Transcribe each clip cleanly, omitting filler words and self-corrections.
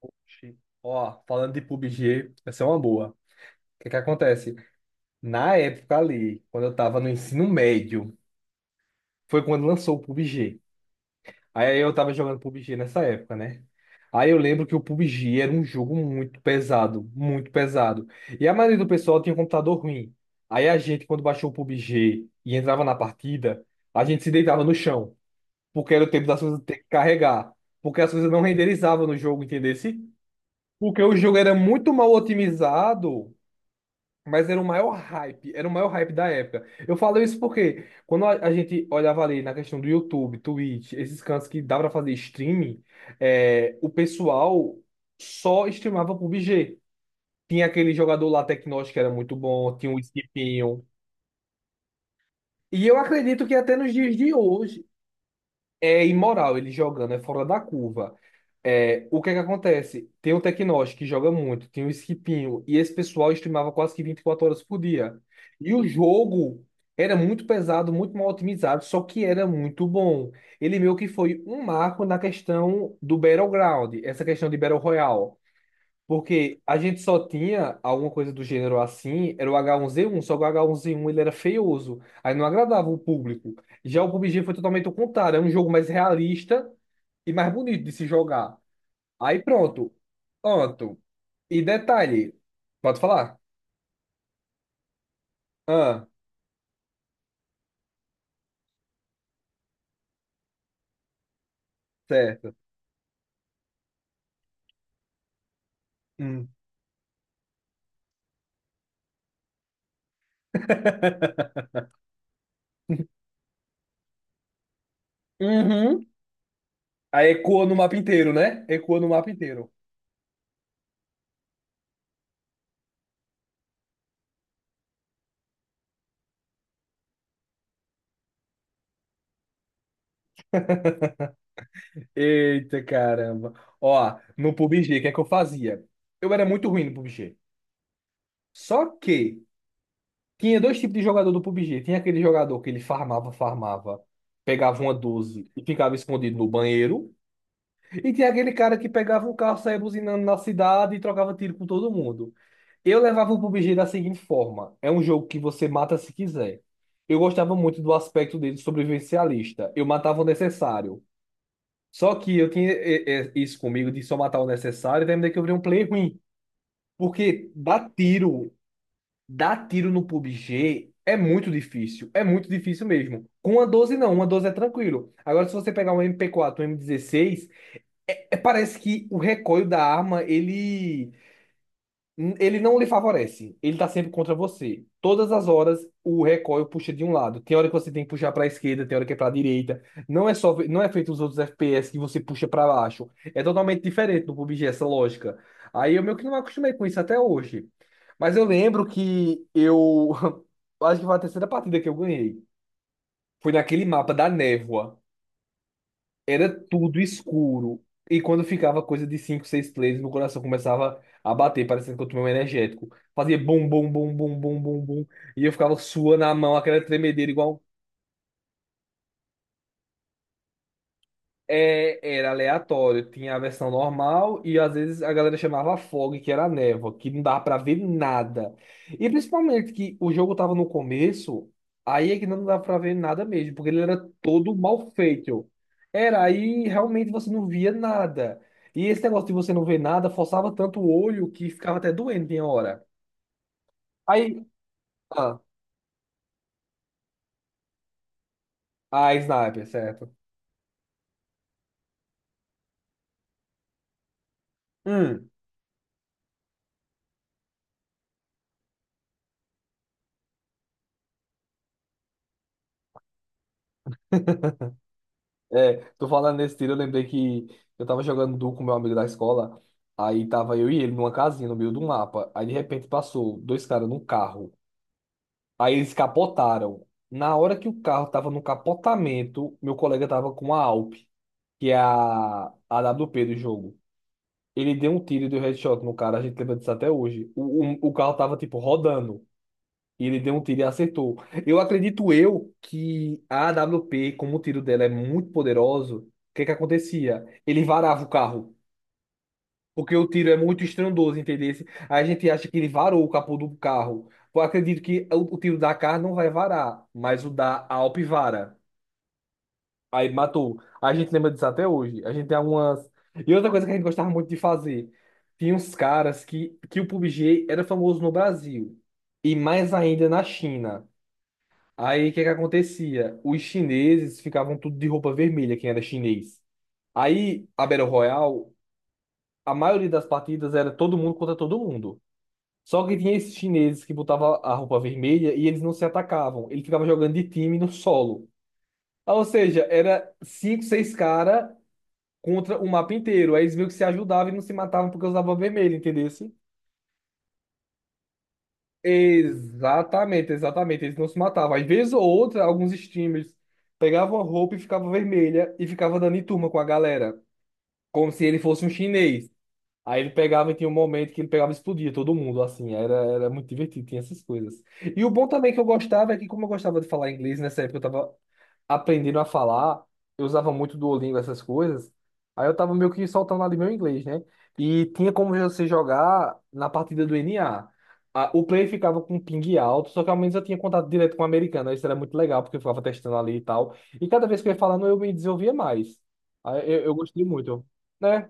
Oxi. Ó, falando de PUBG, essa é uma boa. O que que acontece? Na época ali, quando eu tava no ensino médio, foi quando lançou o PUBG. Aí eu tava jogando PUBG nessa época, né? Aí eu lembro que o PUBG era um jogo muito pesado, muito pesado. E a maioria do pessoal tinha um computador ruim. Aí a gente, quando baixou o PUBG e entrava na partida, a gente se deitava no chão, porque era o tempo das coisas ter que carregar, porque as coisas não renderizavam no jogo, entendesse? Porque o jogo era muito mal otimizado. Mas era o maior hype, era o maior hype da época. Eu falo isso porque quando a gente olhava ali na questão do YouTube, Twitch, esses cantos que dá pra fazer streaming, o pessoal só streamava PUBG. Tinha aquele jogador lá, Tecnos, que era muito bom, tinha um Skipinho. E eu acredito que até nos dias de hoje é imoral ele jogando, é fora da curva. É, o que é que acontece? Tem o Tecnos, que joga muito, tem o Esquipinho, e esse pessoal streamava quase que 24 horas por dia. E o jogo era muito pesado, muito mal otimizado, só que era muito bom. Ele meio que foi um marco na questão do Battleground, essa questão de Battle Royale. Porque a gente só tinha alguma coisa do gênero assim, era o H1Z1, só que o H1Z1 ele era feioso, aí não agradava o público. Já o PUBG foi totalmente o contrário, é um jogo mais realista e mais bonito de se jogar. Aí pronto. Pronto. E detalhe, pode falar? Ah, certo. Hum. Uhum. Aí ecoa no mapa inteiro, né? Ecoa no mapa inteiro. Eita caramba. Ó, no PUBG, o que é que eu fazia? Eu era muito ruim no PUBG. Só que tinha dois tipos de jogador do PUBG. Tinha aquele jogador que ele farmava, farmava, pegava uma 12 e ficava escondido no banheiro. E tinha aquele cara que pegava o carro, saía buzinando na cidade e trocava tiro com todo mundo. Eu levava o PUBG da seguinte forma: é um jogo que você mata se quiser. Eu gostava muito do aspecto dele sobrevivencialista. Eu matava o necessário. Só que eu tinha isso comigo de só matar o necessário, e terminei que eu virei um player ruim. Porque dar tiro no PUBG é muito difícil. É muito difícil mesmo. Com uma 12 não, uma 12 é tranquilo. Agora, se você pegar um MP4, um M16, parece que o recoil da arma, ele não lhe favorece. Ele tá sempre contra você. Todas as horas o recoil puxa de um lado. Tem hora que você tem que puxar para a esquerda, tem hora que é para a direita. Não é só, não é feito os outros FPS que você puxa para baixo. É totalmente diferente do PUBG essa lógica. Aí eu meio que não me acostumei com isso até hoje. Mas eu lembro que eu acho que foi a terceira partida que eu ganhei. Foi naquele mapa da névoa, era tudo escuro. E quando ficava coisa de 5 6 players, meu coração começava a bater, parecendo que eu tomei um energético. Fazia bum, bum, bum, bum, bum, bum, bum. E eu ficava suando a mão, aquela tremedeira, igual. É, era aleatório, tinha a versão normal e às vezes a galera chamava fog, que era a névoa, que não dava pra ver nada. E principalmente que o jogo tava no começo, aí é que não dava pra ver nada mesmo, porque ele era todo mal feito. Era, aí realmente você não via nada. E esse negócio de você não ver nada forçava tanto o olho que ficava até doendo em hora. Aí, ah, a sniper, certo? Hum. É, tô falando nesse tiro, eu lembrei que eu tava jogando duo com meu amigo da escola. Aí tava eu e ele numa casinha no meio do mapa. Aí de repente passou dois caras num carro. Aí eles capotaram. Na hora que o carro tava no capotamento, meu colega tava com a Alp, que é a AWP do jogo. Ele deu um tiro e deu headshot no cara, a gente lembra disso até hoje. O carro tava tipo rodando. E ele deu um tiro e acertou. Eu acredito eu que a AWP como o tiro dela é muito poderoso, o que que acontecia? Ele varava o carro, porque o tiro é muito estrondoso, entendeu? Aí a gente acha que ele varou o capô do carro. Eu acredito que o tiro da AK não vai varar, mas o da Alp vara. Aí matou. A gente lembra disso até hoje. A gente tem algumas... E outra coisa que a gente gostava muito de fazer. Tinha uns caras que o PUBG era famoso no Brasil. E mais ainda na China. Aí o que que acontecia? Os chineses ficavam tudo de roupa vermelha, quem era chinês. Aí a Battle Royale, a maioria das partidas era todo mundo contra todo mundo. Só que tinha esses chineses que botavam a roupa vermelha e eles não se atacavam. Eles ficavam jogando de time no solo. Ah, ou seja, era cinco, seis caras contra o mapa inteiro. Aí eles meio que se ajudavam e não se matavam porque usavam vermelho, entendeu? Exatamente, exatamente. Eles não se matavam. Às vezes ou outra, alguns streamers pegavam a roupa e ficava vermelha e ficava dando em turma com a galera, como se ele fosse um chinês. Aí ele pegava e tinha um momento que ele pegava e explodia todo mundo, assim. Era muito divertido, tinha essas coisas. E o bom também que eu gostava é que, como eu gostava de falar inglês nessa época, eu tava aprendendo a falar, eu usava muito Duolingo, essas coisas. Aí eu tava meio que soltando ali meu inglês, né? E tinha como você jogar na partida do NA. O player ficava com um ping alto, só que ao menos eu tinha contato direto com o americano. Isso era muito legal, porque eu ficava testando ali e tal. E cada vez que eu ia falando, eu me desenvolvia mais. Aí eu gostei muito, né?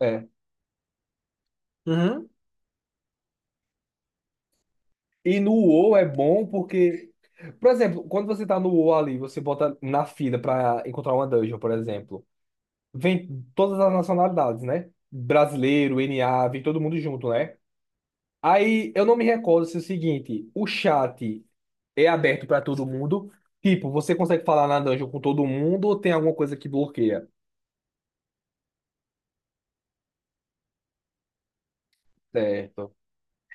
É. Uhum. E no WoW é bom porque, por exemplo, quando você tá no WoW ali, você bota na fila pra encontrar uma dungeon, por exemplo. Vem todas as nacionalidades, né? Brasileiro, NA, vem todo mundo junto, né? Aí eu não me recordo se é o seguinte, o chat é aberto para todo mundo. Tipo, você consegue falar na dungeon com todo mundo ou tem alguma coisa que bloqueia? Certo.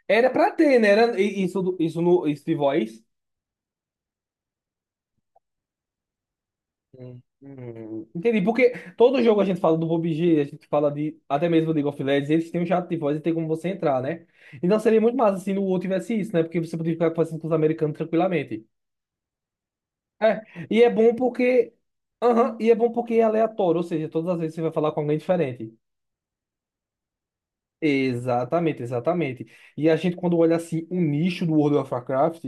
Era pra ter, né? Era i- isso, do- isso, no, isso de voz. Entendi, porque todo jogo a gente fala do PUBG, a gente fala de até mesmo League of Legends, eles têm um chat de voz e tem como você entrar, né? Então seria muito massa se no outro tivesse isso, né? Porque você poderia ficar conversando com os americanos tranquilamente. É, e é bom porque. Aham, e é bom porque é aleatório, ou seja, todas as vezes você vai falar com alguém diferente. Exatamente, exatamente. E a gente, quando olha assim, o nicho do World of Warcraft.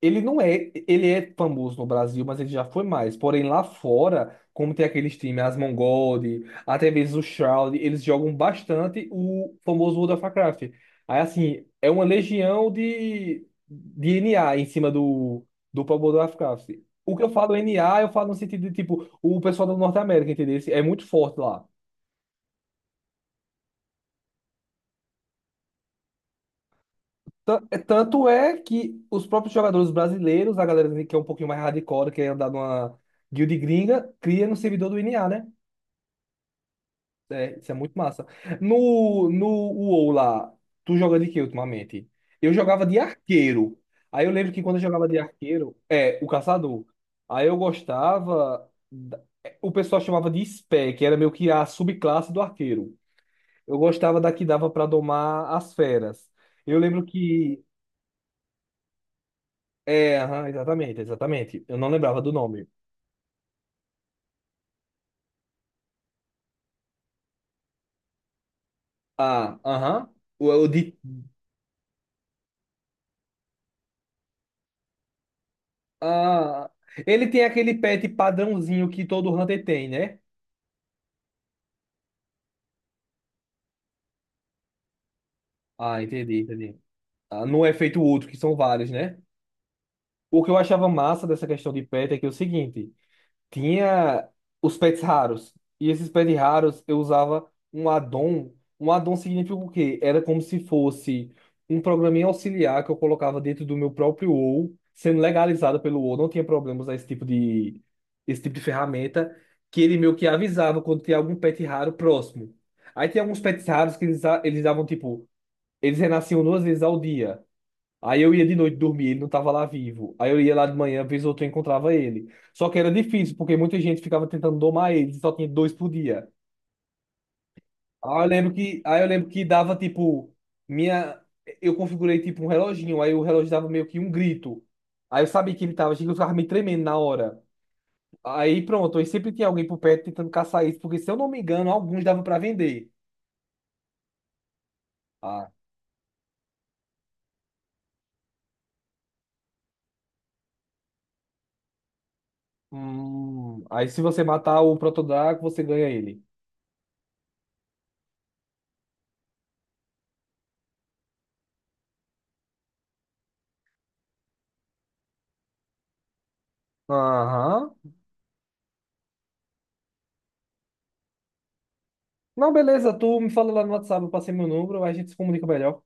Ele não é, ele é famoso no Brasil, mas ele já foi mais. Porém, lá fora, como tem aqueles times, as Mongod, até mesmo o Shroud, eles jogam bastante o famoso World of Warcraft. Aí, assim, é uma legião de NA em cima do próprio World of Warcraft. O que eu falo NA eu falo no sentido de, tipo, o pessoal da Norte América, entendeu? É muito forte lá. Tanto é que os próprios jogadores brasileiros, a galera que é um pouquinho mais hardcore, que é andar numa guild gringa, cria no servidor do NA, né? É, isso é muito massa. No WoW lá, tu joga de quê ultimamente? Eu jogava de arqueiro. Aí eu lembro que quando eu jogava de arqueiro, o caçador. Aí eu gostava. O pessoal chamava de spec que era meio que a subclasse do arqueiro. Eu gostava da que dava pra domar as feras. Eu lembro que. É, aham, exatamente, exatamente. Eu não lembrava do nome. Ah, aham. O de. Ah, ele tem aquele pet padrãozinho que todo Hunter tem, né? Ah, entendi, entendi. Ah, não é feito outro, que são vários, né? O que eu achava massa dessa questão de pet é que é o seguinte, tinha os pets raros. E esses pets raros eu usava um addon. Um addon significa o quê? Era como se fosse um programinha auxiliar que eu colocava dentro do meu próprio OU, sendo legalizado pelo OU, não tinha problemas a esse tipo de ferramenta, que ele meio que avisava quando tinha algum pet raro próximo. Aí tinha alguns pets raros que eles davam tipo, eles renasciam 2 vezes ao dia. Aí eu ia de noite dormir, ele não estava lá vivo. Aí eu ia lá de manhã, vez ou outra eu encontrava ele. Só que era difícil, porque muita gente ficava tentando domar ele, e só tinha dois por dia. Aí eu lembro que dava tipo minha eu configurei tipo um reloginho, aí o relógio dava meio que um grito. Aí eu sabia que ele tava, achei que eu ficava me tremendo na hora. Aí pronto, aí sempre tinha alguém por perto tentando caçar isso, porque se eu não me engano, alguns davam para vender. Ah. Aí se você matar o Protodraco, você ganha ele. Aham. Não, beleza, tu me fala lá no WhatsApp, eu passei meu número, aí a gente se comunica melhor.